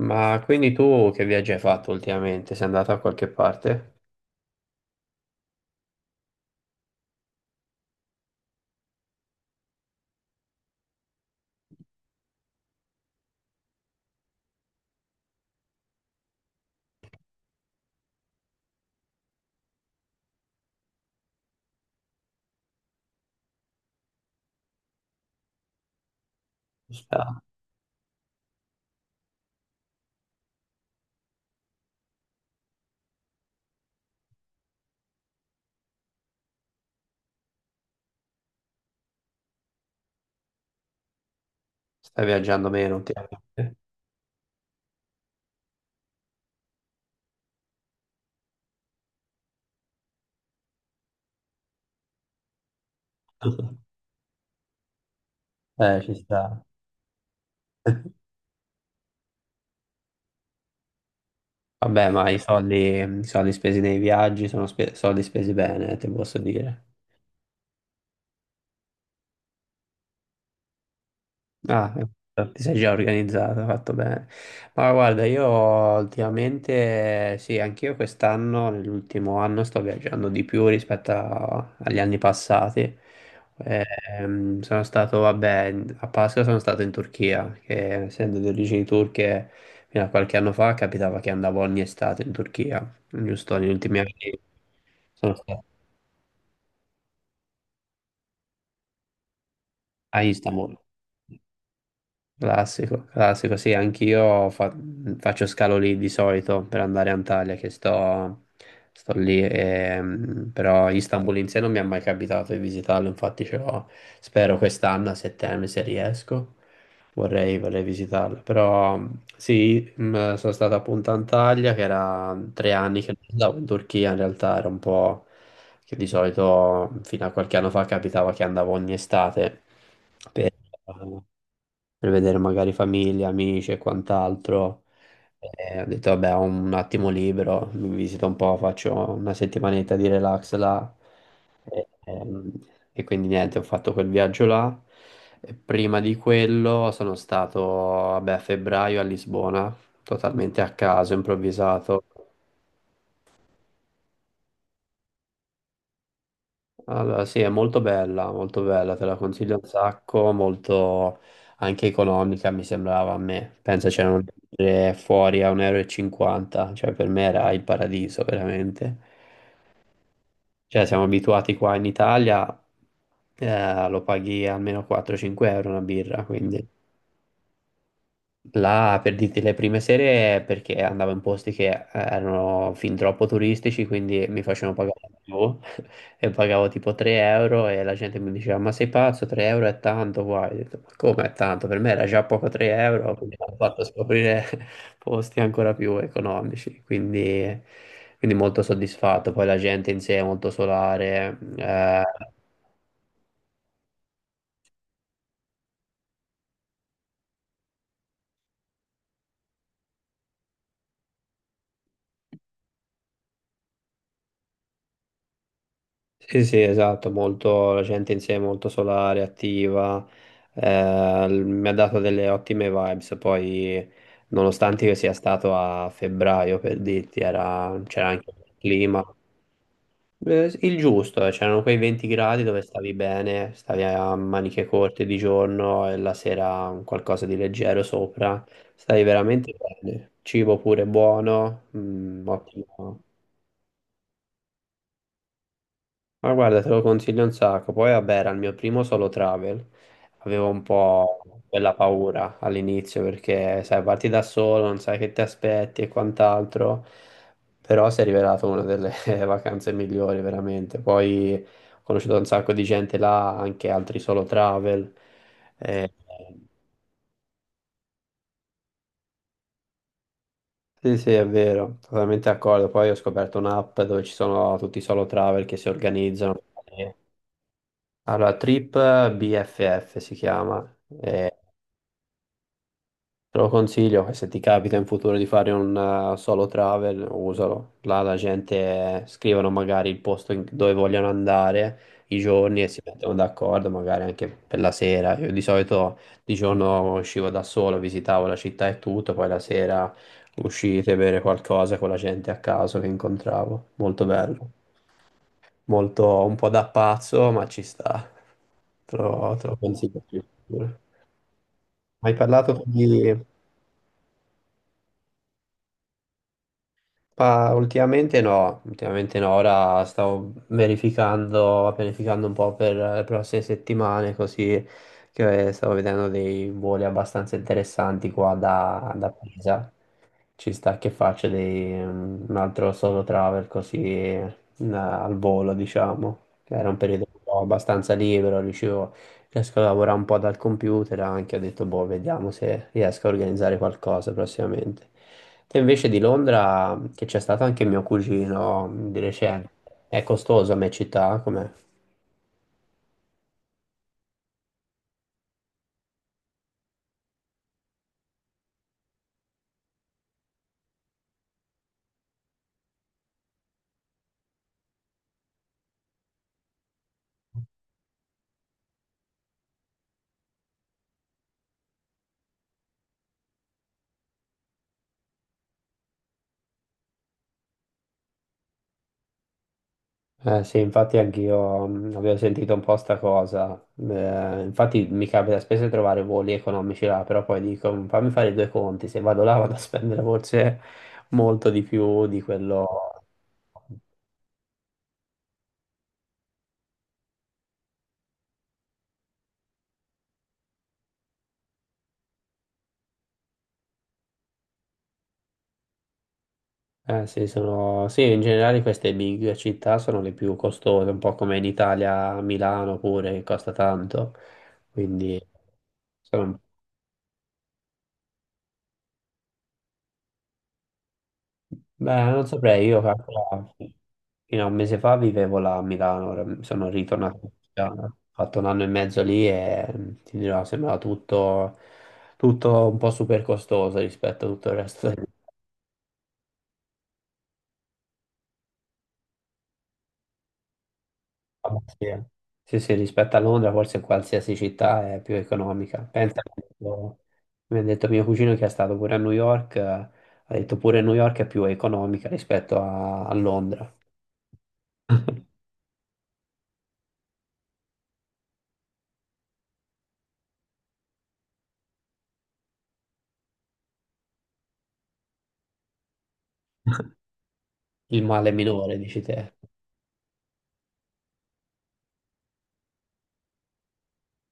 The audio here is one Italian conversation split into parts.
Ma quindi tu che viaggi hai fatto ultimamente? Sei andato a qualche parte? Stai viaggiando meno ultimamente? Ci sta. Vabbè, ma i soldi spesi nei viaggi sono soldi spesi bene, te posso dire. Ah, ecco, ti sei già organizzata, fatto bene. Ma guarda, io ultimamente, sì, anch'io quest'anno, nell'ultimo anno, sto viaggiando di più rispetto agli anni passati. Sono stato, vabbè, a Pasqua sono stato in Turchia, che essendo di origini turche, fino a qualche anno fa capitava che andavo ogni estate in Turchia, giusto negli ultimi anni sono stato a Istanbul. Classico, classico, sì, anch'io faccio scalo lì di solito per andare a Antalya, che sto lì, però Istanbul in sé non mi è mai capitato di visitarlo, infatti ce l'ho, spero quest'anno a settembre se riesco, vorrei, vorrei visitarlo, però sì, sono stato appunto a Antalya, che era 3 anni che non andavo in Turchia, in realtà era un po' che di solito fino a qualche anno fa capitava che andavo ogni estate per per vedere magari famiglia, amici e quant'altro. E ho detto, vabbè, ho un attimo libero, mi visito un po', faccio una settimanetta di relax là. E, ehm, e quindi niente, ho fatto quel viaggio là. E prima di quello sono stato, vabbè, a febbraio a Lisbona, totalmente a caso, improvvisato. Allora, sì, è molto bella, te la consiglio un sacco, molto anche economica mi sembrava a me. Pensa c'erano le birre fuori a 1,50 euro, e 50, cioè per me era il paradiso veramente. Cioè siamo abituati qua in Italia, lo paghi almeno 4-5 euro una birra, quindi. Là, per dirti, le prime sere perché andavo in posti che erano fin troppo turistici, quindi mi facevano pagare di più e pagavo tipo 3 euro e la gente mi diceva ma sei pazzo, 3 euro è tanto qua. Io ho detto, ma come è tanto? Per me era già poco 3 euro, quindi mi hanno fatto scoprire posti ancora più economici, quindi molto soddisfatto. Poi la gente in sé è molto solare, sì, sì, esatto, molto, la gente in sé è molto solare, attiva, mi ha dato delle ottime vibes, poi nonostante io sia stato a febbraio, per dirti, c'era anche il clima, il giusto, c'erano quei 20 gradi dove stavi bene, stavi a maniche corte di giorno e la sera un qualcosa di leggero sopra, stavi veramente bene, cibo pure buono, ottimo. Ma guarda, te lo consiglio un sacco. Poi, vabbè, era il mio primo solo travel. Avevo un po' quella paura all'inizio perché, sai, parti da solo, non sai che ti aspetti e quant'altro. Però si è rivelato una delle vacanze migliori, veramente. Poi ho conosciuto un sacco di gente là, anche altri solo travel. Eh, sì, sì, è vero, totalmente d'accordo. Poi ho scoperto un'app dove ci sono tutti i solo travel che si organizzano. Allora, Trip BFF si chiama, e te lo consiglio, e se ti capita in futuro di fare un solo travel, usalo. Là la gente scrivono magari il posto dove vogliono andare, i giorni e si mettono d'accordo, magari anche per la sera. Io di solito di giorno uscivo da solo, visitavo la città e tutto, poi la sera uscite, a bere qualcosa con la gente a caso che incontravo. Molto bello, molto un po' da pazzo, ma ci sta. Te lo consiglio. Più. Hai parlato con gli. Pa- ultimamente no, ora stavo verificando, pianificando un po' per le prossime settimane, così che stavo vedendo dei voli abbastanza interessanti qua da Pisa. Ci sta che faccio un altro solo travel così al volo, diciamo, che era un periodo un po' abbastanza libero, riuscivo riesco a lavorare un po' dal computer anche, ho detto, boh, vediamo se riesco a organizzare qualcosa prossimamente. Te invece di Londra, che c'è stato anche mio cugino di recente, è costoso a me città, com'è? Sì, infatti anch'io avevo sentito un po' sta cosa. Infatti mi capita spesso di trovare voli economici là, però poi dico, fammi fare i due conti, se vado là vado a spendere forse molto di più di quello." Sì, sì, in generale queste big città sono le più costose, un po' come in Italia, Milano pure, che costa tanto. Quindi sono... Beh, non saprei, io calcola, fino a un mese fa vivevo là a Milano, ora sono ritornato, in Italia, ho fatto un anno e mezzo lì e ti dirò, sembrava tutto un po' super costoso rispetto a tutto il resto. Vabbè, sì, eh, sì, sì, rispetto a Londra forse qualsiasi città è più economica. Pensa, mi ha detto mio cugino che è stato pure a New York, ha detto pure New York è più economica rispetto a Londra. Il male minore, dici te.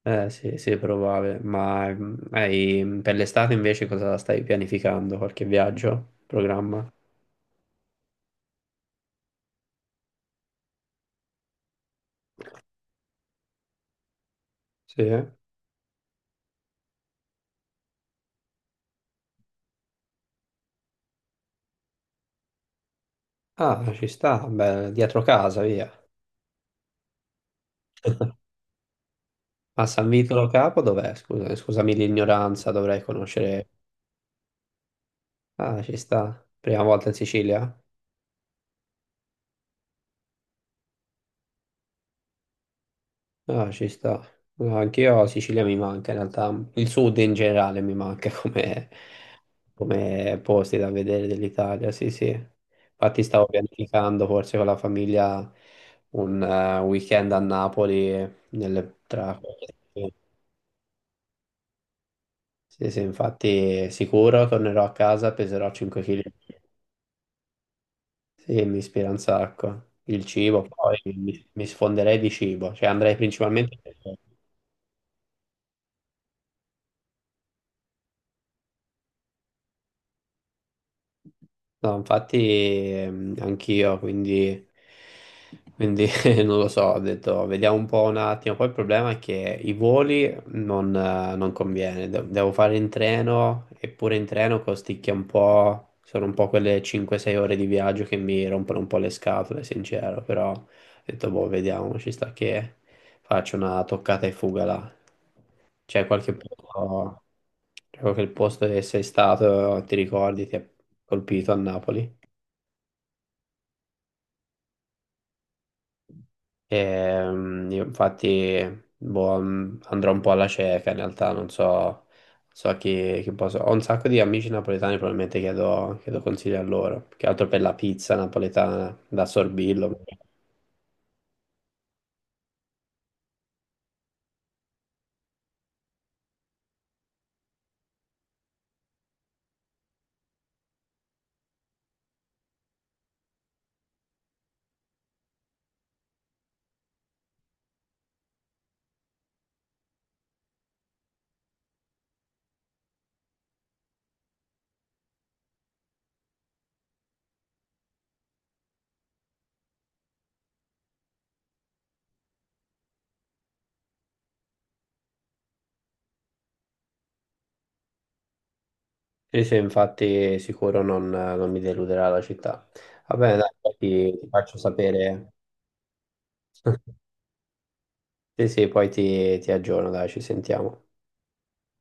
Eh sì, sì, probabile. Ma per l'estate invece cosa stai pianificando? Qualche viaggio? Programma? Sì. Ah, ci sta, beh, dietro casa, via. A San Vito Lo Capo dov'è? Scusa, scusami l'ignoranza, dovrei conoscere. Ah, ci sta. Prima volta in Sicilia? Ah, ci sta. No, anch'io la Sicilia mi manca in realtà. Il sud in generale mi manca come posti da vedere dell'Italia, sì, sì. Infatti stavo pianificando forse con la famiglia un weekend a Napoli tra qualche settimana. Sì, sì, infatti sicuro tornerò a casa, peserò 5 kg. Sì, mi ispira un sacco. Il cibo, poi mi sfonderei di cibo, cioè andrei principalmente. No, infatti anch'io, quindi non lo so, ho detto vediamo un po' un attimo. Poi il problema è che i voli non conviene, devo fare in treno, eppure in treno costicchia un po', sono un po' quelle 5-6 ore di viaggio che mi rompono un po' le scatole, sincero, però ho detto boh, vediamo, ci sta che faccio una toccata e fuga là. C'è qualche posto, c'è qualche posto che sei stato, ti ricordi, ti ha colpito a Napoli? Io infatti boh, andrò un po' alla cieca, in realtà non so a chi, posso. Ho un sacco di amici napoletani, probabilmente chiedo consigli a loro, più che altro per la pizza napoletana da Sorbillo. Sì, sì, infatti sicuro non mi deluderà la città. Va bene, dai, poi ti faccio sapere. Sì, sì, poi ti aggiorno, dai, ci sentiamo.